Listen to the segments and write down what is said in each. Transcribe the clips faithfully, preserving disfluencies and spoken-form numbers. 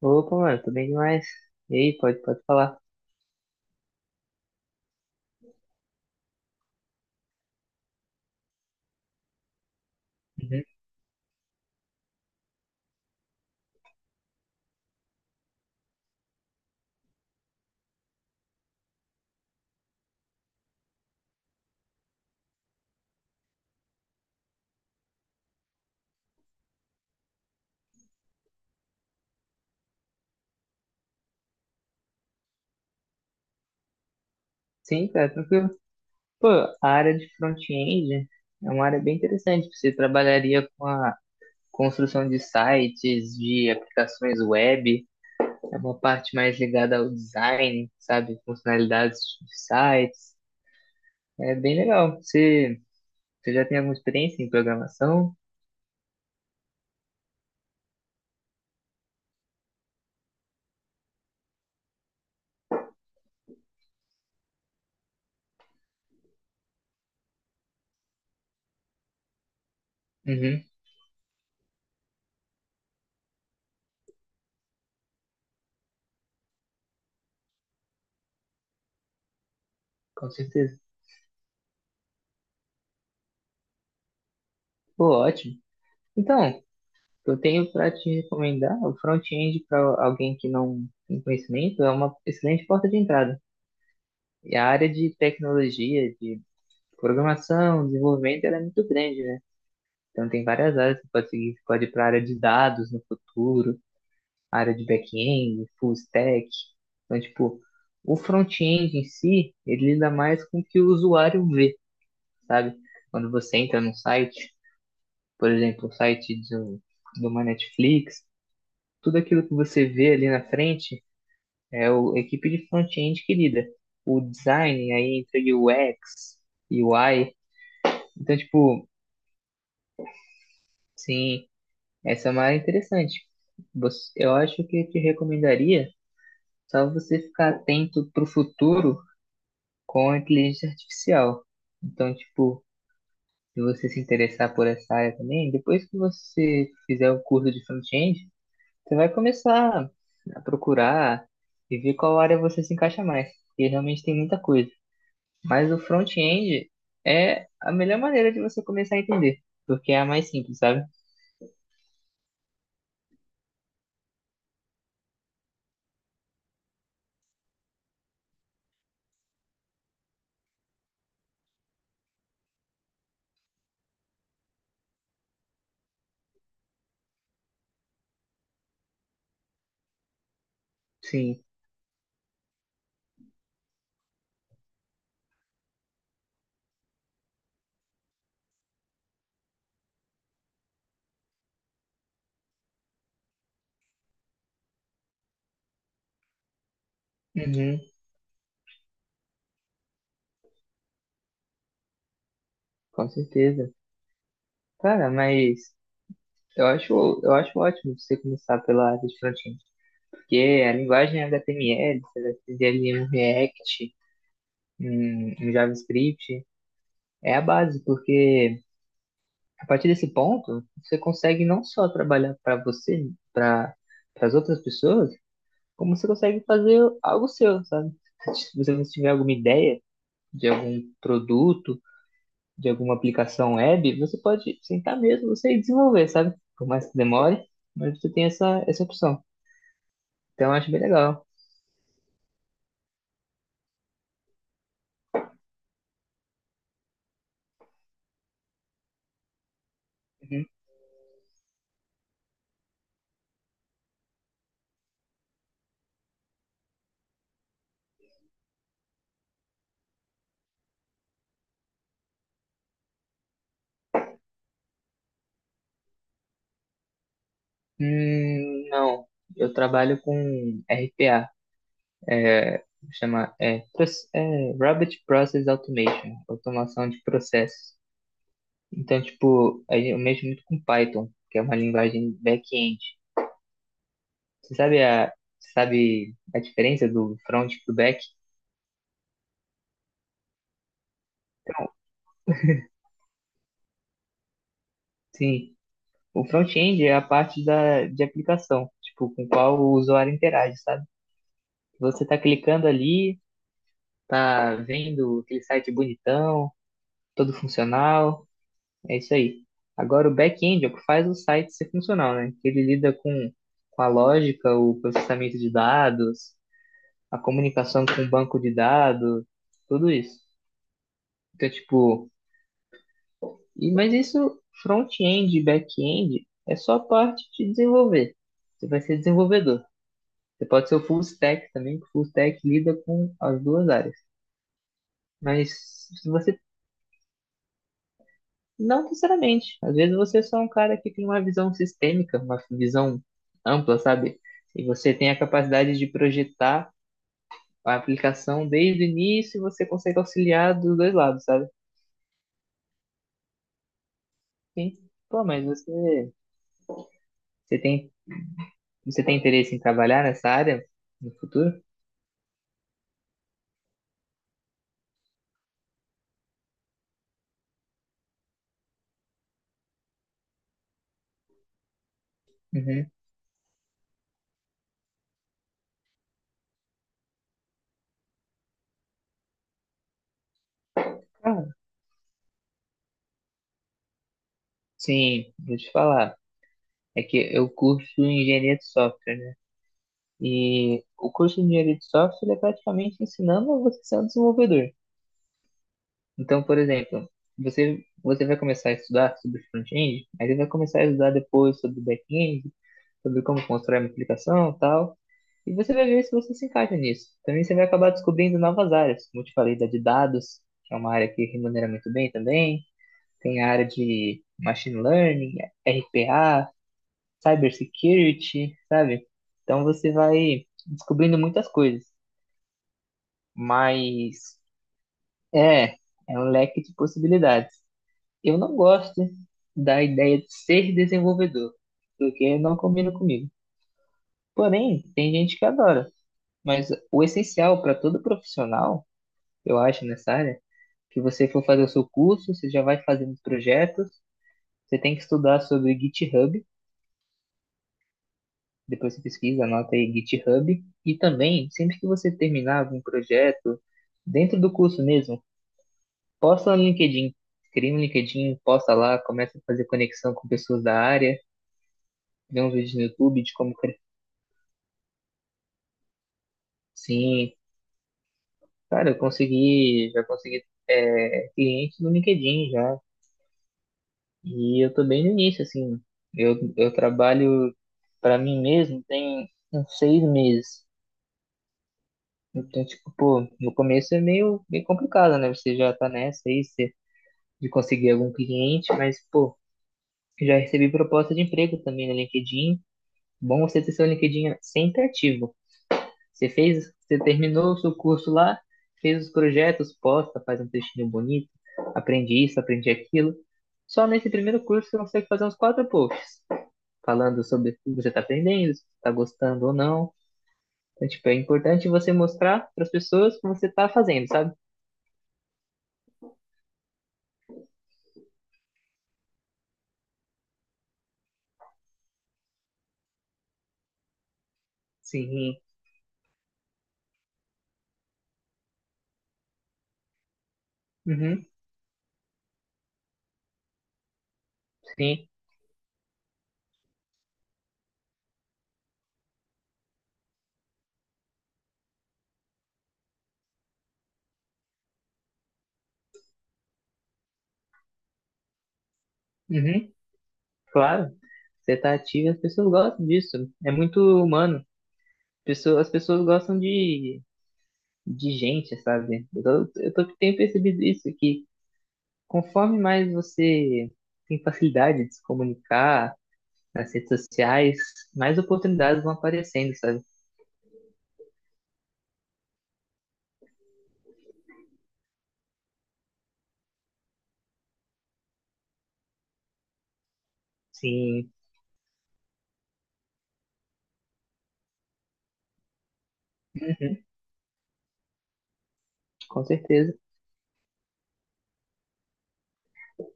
Opa, mano, tô bem demais. E aí, pode, pode falar. Uhum. Sim, cara, tranquilo. Pô, a área de front-end é uma área bem interessante. Você trabalharia com a construção de sites, de aplicações web, é uma parte mais ligada ao design, sabe? Funcionalidades de sites. É bem legal. Você, você já tem alguma experiência em programação? Uhum. Com certeza. Pô, ótimo. Então, eu tenho para te recomendar o front-end para alguém que não tem conhecimento, é uma excelente porta de entrada. E a área de tecnologia, de programação, desenvolvimento, ela é muito grande, né? Então tem várias áreas que você pode seguir, você pode ir para a área de dados no futuro, área de back-end, full stack. Então, tipo, o front-end em si, ele lida mais com o que o usuário vê, sabe? Quando você entra num site, por exemplo, o site de, um- de uma Netflix, tudo aquilo que você vê ali na frente é o, a equipe de front-end que lida. O design aí entre o U X e o U I. Então, tipo, sim, essa é uma área interessante. Você- eu acho que eu te recomendaria só você ficar atento para o futuro com a inteligência artificial. Então, tipo, se você se interessar por essa área também, depois que você fizer o curso de front-end, você vai começar a procurar e ver qual área você se encaixa mais, porque realmente tem muita coisa. Mas o front-end é a melhor maneira de você começar a entender, porque é a mais simples, sabe? Sim. Uhum, com certeza. Cara, mas eu acho, eu acho ótimo você começar pela área de front-end, porque a linguagem H T M L, você vai fazer ali um React, um, um JavaScript, é a base, porque a partir desse ponto, você consegue não só trabalhar para você, para as outras pessoas, como você consegue fazer algo seu, sabe? Se você tiver alguma ideia de algum produto, de alguma aplicação web, você pode sentar mesmo, você e desenvolver, sabe? Por mais que demore, mas você tem essa, essa opção. Então, eu acho bem legal. Uhum. Hum, não, eu trabalho com R P A, chama é, proce- é, Robot Process Automation, automação de processos. Então, tipo, aí eu mexo muito com Python, que é uma linguagem back-end. Você sabe a, você sabe a diferença do front e do back? Sim, o front-end é a parte da, de aplicação, tipo, com qual o usuário interage, sabe? Você tá clicando ali, tá vendo aquele site bonitão, todo funcional, é isso aí. Agora, o back-end é o que faz o site ser funcional, né? Ele lida com, com a lógica, o processamento de dados, a comunicação com o banco de dados, tudo isso. Então, tipo, e, mas isso front-end e back-end é só parte de desenvolver. Você vai ser desenvolvedor. Você pode ser o full stack também, que o full stack lida com as duas áreas. Mas se você não necessariamente. Às vezes você é só um cara que tem uma visão sistêmica, uma visão ampla, sabe? E você tem a capacidade de projetar a aplicação desde o início e você consegue auxiliar dos dois lados, sabe? Sim. Pô, mas você Você tem, você tem interesse em trabalhar nessa área no futuro? Uhum. Cara, sim, vou te falar. É que eu curso engenharia de software, né? E o curso de engenharia de software é praticamente ensinando você a ser um desenvolvedor. Então, por exemplo, você, você vai começar a estudar sobre front-end, aí você vai começar a estudar depois sobre back-end, sobre como constrói uma aplicação e tal. E você vai ver se você se encaixa nisso. Também você vai acabar descobrindo novas áreas, como eu te falei, da de dados, que é uma área que remunera muito bem também. Tem a área de machine learning, R P A, cybersecurity, sabe? Então você vai descobrindo muitas coisas, mas é, é um leque de possibilidades. Eu não gosto da ideia de ser desenvolvedor, porque não combina comigo. Porém, tem gente que adora, mas o essencial para todo profissional, eu acho, nessa área, que você for fazer o seu curso, você já vai fazendo projetos, você tem que estudar sobre GitHub. Depois você pesquisa, anota aí GitHub. E também, sempre que você terminar um projeto, dentro do curso mesmo, posta no LinkedIn. Cria um LinkedIn, posta lá, começa a fazer conexão com pessoas da área, vê uns vídeos no YouTube de como. cre- Sim, cara, eu consegui, já consegui é, cliente no LinkedIn já. E eu tô bem no início, assim. Eu, eu trabalho para mim mesmo tem uns seis meses. Então, tipo, pô, no começo é meio, meio complicado, né? Você já tá nessa aí, você de conseguir algum cliente, mas, pô, já recebi proposta de emprego também no LinkedIn. Bom você ter seu LinkedIn sempre ativo. Você fez, você terminou o seu curso lá, fez os projetos, posta, faz um textinho bonito, aprendi isso, aprendi aquilo. Só nesse primeiro curso você consegue fazer uns quatro posts, falando sobre o que você está aprendendo, se está gostando ou não. Então, tipo, é importante você mostrar para as pessoas o que você está fazendo, sabe? Sim, uhum, sim, uhum. Claro, você tá ativo e as pessoas gostam disso. É muito humano. Pessoa- as pessoas gostam de, de gente, sabe? Eu, tô- eu tô- tenho percebido isso, que conforme mais você tem facilidade de se comunicar nas redes sociais, mais oportunidades vão aparecendo, sabe? Sim, com certeza.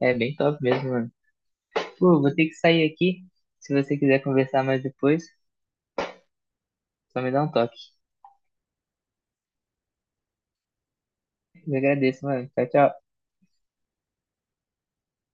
É bem top mesmo, mano. Pô, vou ter que sair aqui. Se você quiser conversar mais depois, só me dá um toque. Eu agradeço, mano. Tchau, tchau.